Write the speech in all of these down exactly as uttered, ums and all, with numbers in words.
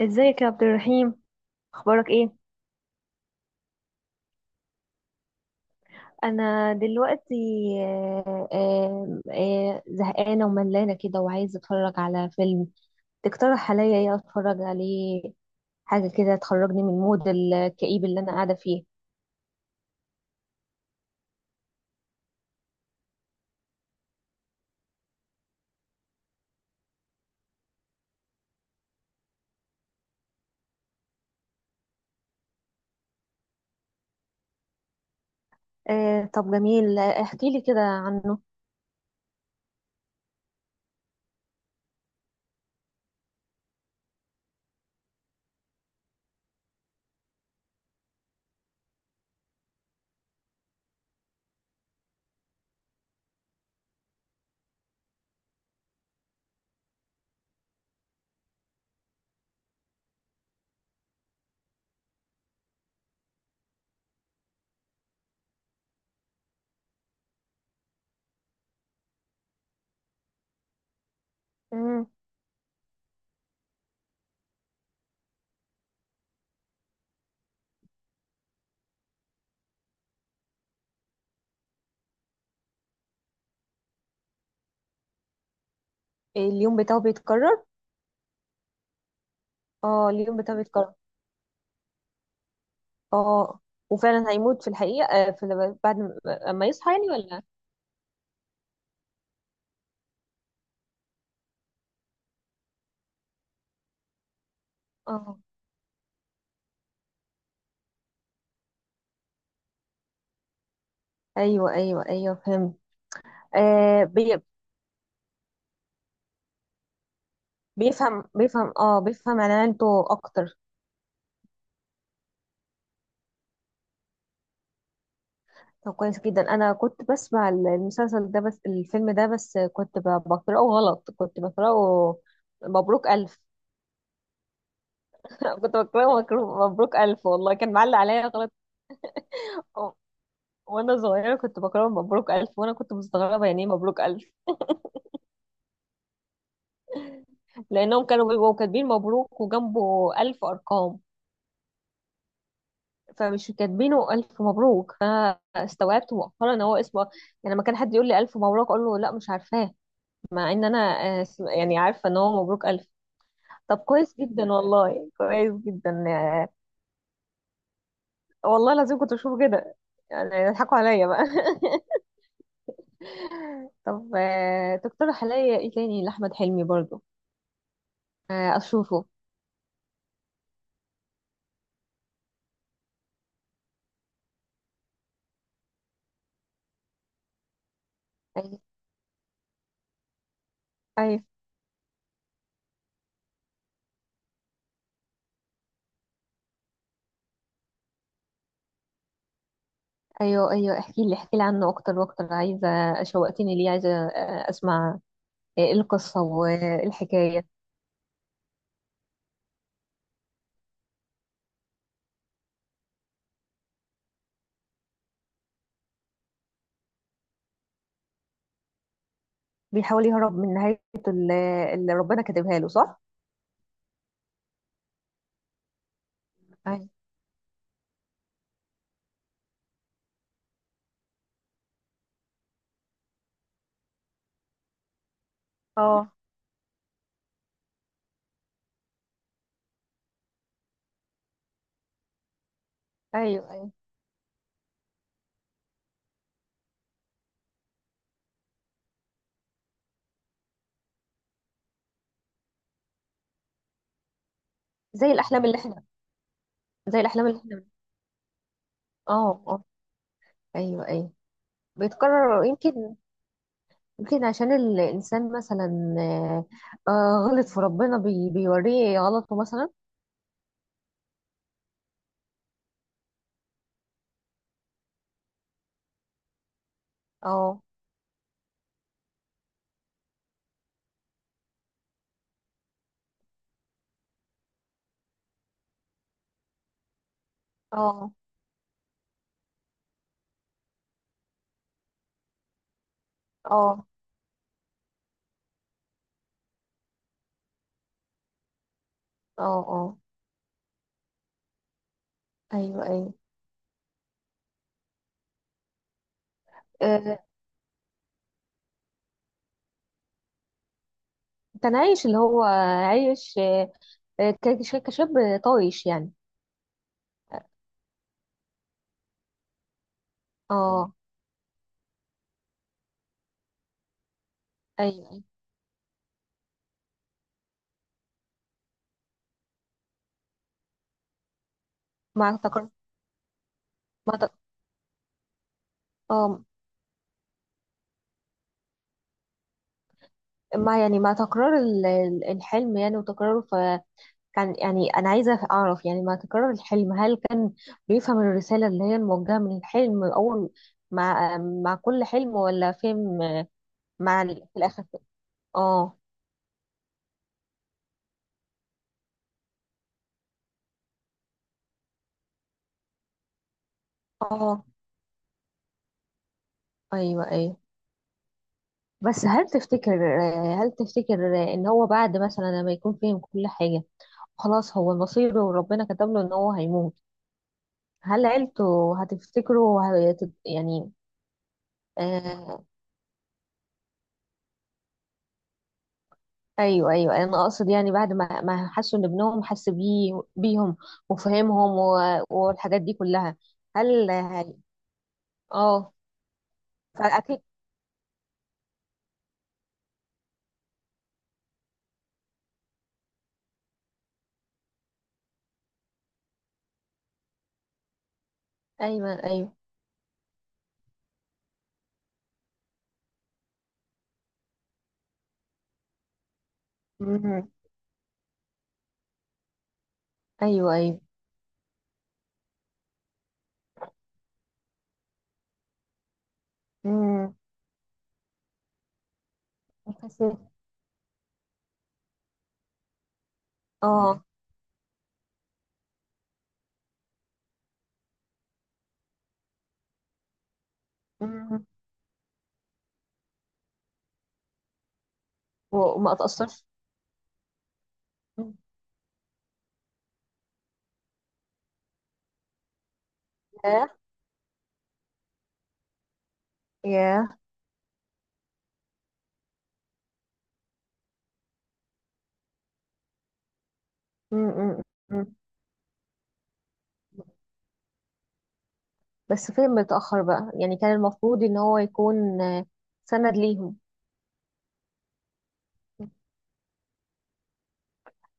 ازيك يا عبد الرحيم؟ اخبارك ايه؟ انا دلوقتي آه، آه، آه، زهقانه وملانه كده وعايزه اتفرج على فيلم. تقترح عليا ايه اتفرج عليه؟ حاجه كده تخرجني من المود الكئيب اللي انا قاعده فيه. آه، طب جميل، احكي لي كده عنه. مم. اليوم بتاعه بيتكرر؟ اه، اليوم بتاعه بيتكرر. اه، وفعلا هيموت في الحقيقه، آه، في بعد ما ما يصحى يعني، ولا؟ اه، ايوه ايوه ايوه، فهمت. آه بيفهم بيفهم اه بيفهم عنانته اكتر. طب كويس جدا، انا كنت بسمع المسلسل ده بس الفيلم ده، بس كنت ب- بقراه غلط، كنت بقراه مبروك الف. كنت بقراه مكرو- مبروك الف، والله كان معلق عليا غلط. و- وانا صغيره كنت بقراه مبروك الف، وانا كنت مستغربه يعني ايه مبروك الف، لانهم كانوا بيبقوا كاتبين مبروك وجنبه الف ارقام، فمش كاتبينه الف مبروك، فاستوعبت مؤخرا ان هو اسمه. يعني لما كان حد يقول لي الف مبروك اقول له لا، مش عارفاه. مع ان انا آه، سم- يعني عارفه ان هو مبروك الف. طب كويس جدا والله، كويس جدا. آه، والله العظيم كنت بشوفه كده، يعني يضحكوا عليا بقى. طب، آه، تقترح عليا ايه تاني لاحمد حلمي برضو، آه، اشوفه؟ ايوه ايوه ايوه ايوه، احكي لي احكي لي عنه اكتر واكتر، عايزه. آه، شوقتني ليه، عايزه آه، اسمع. آه، إيه القصه والحكايه؟ بيحاول يهرب من نهايته، اللي اللي ربنا كاتبها له، صح؟ ايوه. اه، ايوه ايوه. زي الاحلام اللي احنا، زي الاحلام اللي احنا. اه اه، ايوه ايوه، بيتكرر يمكن. يمكن عشان الانسان مثلا آه، آه، غلط في ربنا، بي بيوريه غلطه مثلا. اه اه اه اه اه، ايوه ايوه. آه، كان عايش اللي هو عايش، آه، آه، كش- كشاب طايش يعني. اه ايوه، أيوة. مع تكرار، مع تك... اه، مع يعني، مع تكرار ال- ال- الحلم يعني وتكراره. كان يعني أنا عايزة أعرف، يعني ما تكرر الحلم، هل كان بيفهم الرسالة اللي هي الموجهة من الحلم، أول مع مع كل حلم، ولا فهم مع ال- في الآخر؟ اه اه، أيوه أيوه. بس هل تفتكر، هل تفتكر إن هو بعد مثلا لما يكون فهم كل حاجة، خلاص هو مصيره وربنا كتب له إن هو هيموت، هل عيلته هتفتكره وهي- يعني آه، ايوه ايوه؟ انا اقصد يعني بعد ما ما حسوا ان ابنهم حس بيه بيهم، وفهمهم و- والحاجات دي كلها، هل هي- اه فاكيد. ايوه ايوه، مم. ايوه ايوه، مم. بس- اه، مم. وما اتاثرش، مم. ياه، ياه، مم، مم، مم. بس فين متاخر بقى، يعني كان المفروض ان هو يكون آه، سند ليهم.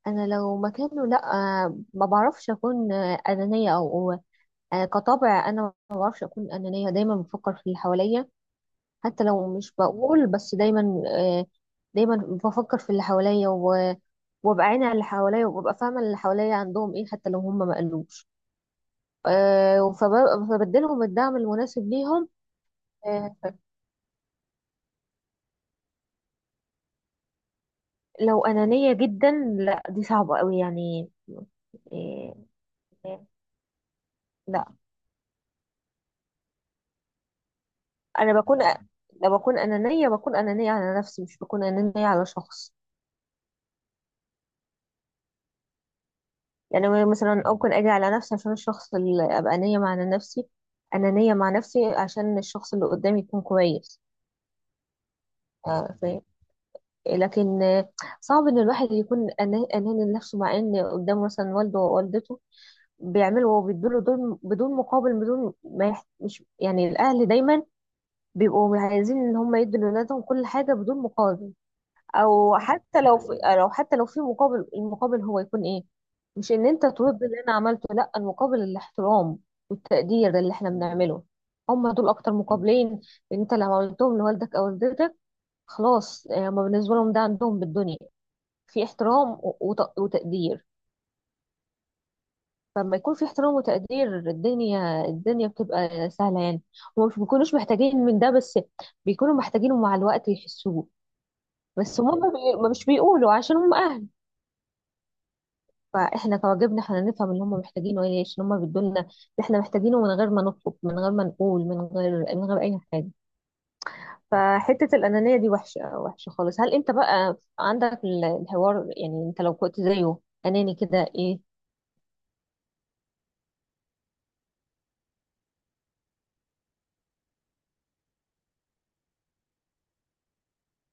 انا لو مكانه، لا. آه، ما بعرفش اكون آه، انانيه، او آه، كطبع انا، ما بعرفش اكون انانيه. دايما بفكر في اللي حواليا، حتى لو مش بقول، بس دايما آه، دايما بفكر في اللي حواليا و- وابقى عيني على اللي حواليا، وابقى فاهمه اللي حواليا عندهم ايه، حتى لو هم ما قالوش. آه، فب- فبديلهم الدعم المناسب ليهم. آه، لو انانيه جدا، لا دي صعبه قوي يعني. آه، لا، انا بكون، لو بكون انانيه بكون انانيه على نفسي، مش بكون انانيه على شخص. يعني مثلا ممكن اجي على نفسي عشان الشخص، اللي ابقى نية مع نفسي، انانية مع نفسي عشان الشخص اللي قدامي يكون كويس. آه، فاهم. لكن آه، صعب ان الواحد يكون أنا- اناني لنفسه، مع ان قدامه مثلا والده ووالدته بيعملوا وبيدوله، دول بدون مقابل، بدون ما يح... مش، يعني الاهل دايما بيبقوا عايزين ان هم يدوا لاولادهم كل حاجة بدون مقابل. او حتى لو في، لو حتى لو في مقابل، المقابل هو يكون ايه؟ مش ان انت ترد اللي انا عملته، لا، المقابل الاحترام والتقدير اللي احنا بنعمله. هم دول اكتر مقابلين. انت لو عملتهم لوالدك او والدتك، خلاص، آه، هم بالنسبه لهم ده عندهم بالدنيا، في احترام و- وت- وتقدير. فلما يكون في احترام وتقدير، الدنيا الدنيا بتبقى سهله يعني. هم مش بيكونوش محتاجين من ده بس، بيكونوا محتاجينه مع الوقت يحسوه. بس هم ما بي- ما مش بيقولوا عشان هم اهل. فاحنا كواجبنا احنا نفهم اللي هم محتاجينه ايه، عشان هم بيدولنا اللي احنا محتاجينه، من غير ما نطلب، من غير ما نقول، من غير من غير اي حاجه. فحته الانانيه دي وحشه وحشه خالص. هل انت بقى عندك ال- الحوار، يعني انت لو كنت زيه اناني كده، ايه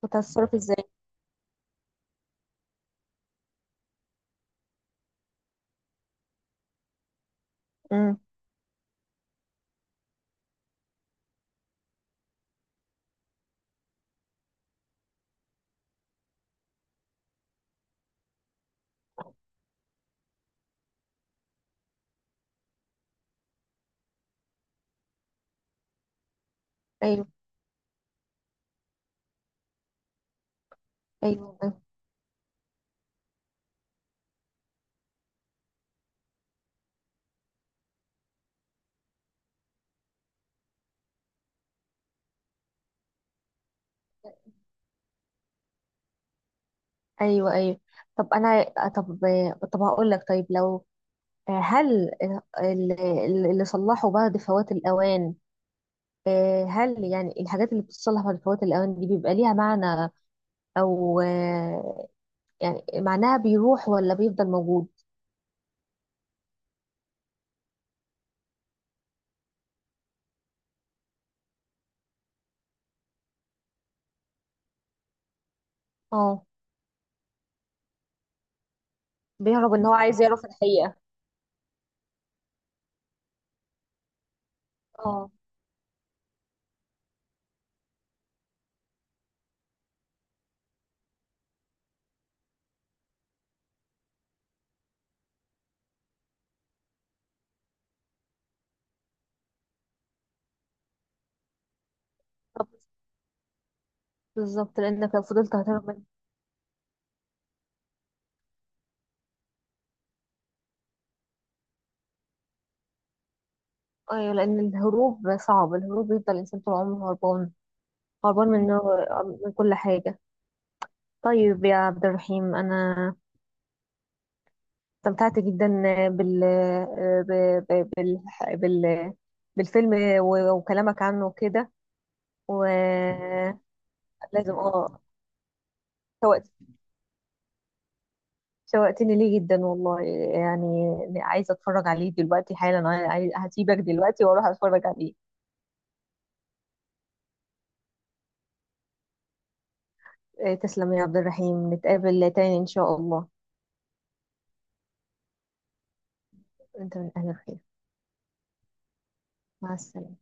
كنت هتتصرف ازاي؟ امم ايوه ايوه ايوه ايوه. طب انا، طب، طب هقول لك، طيب لو هل ال- ال- اللي صلحوا بعد فوات الاوان، آه، هل يعني الحاجات اللي بتصلح بعد فوات الأوان دي بيبقى ليها معنى، او آه، يعني معناها بيروح ولا بيفضل موجود؟ اه، بيهرب، ان ان هو هو عايز عايز يعرف يعرف الحقيقة. اه. طب بالظبط، لانك لو فضلت هتهرب منه. ايوه لان الهروب صعب، الهروب بيفضل الانسان طول عمره هربان، هربان من من كل حاجة. طيب يا عبد الرحيم، انا استمتعت جدا بال ب- ب- بال بال بالفيلم و- وكلامك عنه كده. ولازم، اه، شوقتني ليه جدا والله، يعني عايزه اتفرج عليه دلوقتي حالا. انا عاي- هسيبك دلوقتي واروح اتفرج عليه. إيه، تسلم يا عبد الرحيم، نتقابل تاني ان شاء الله. انت من اهل الخير، مع السلامه.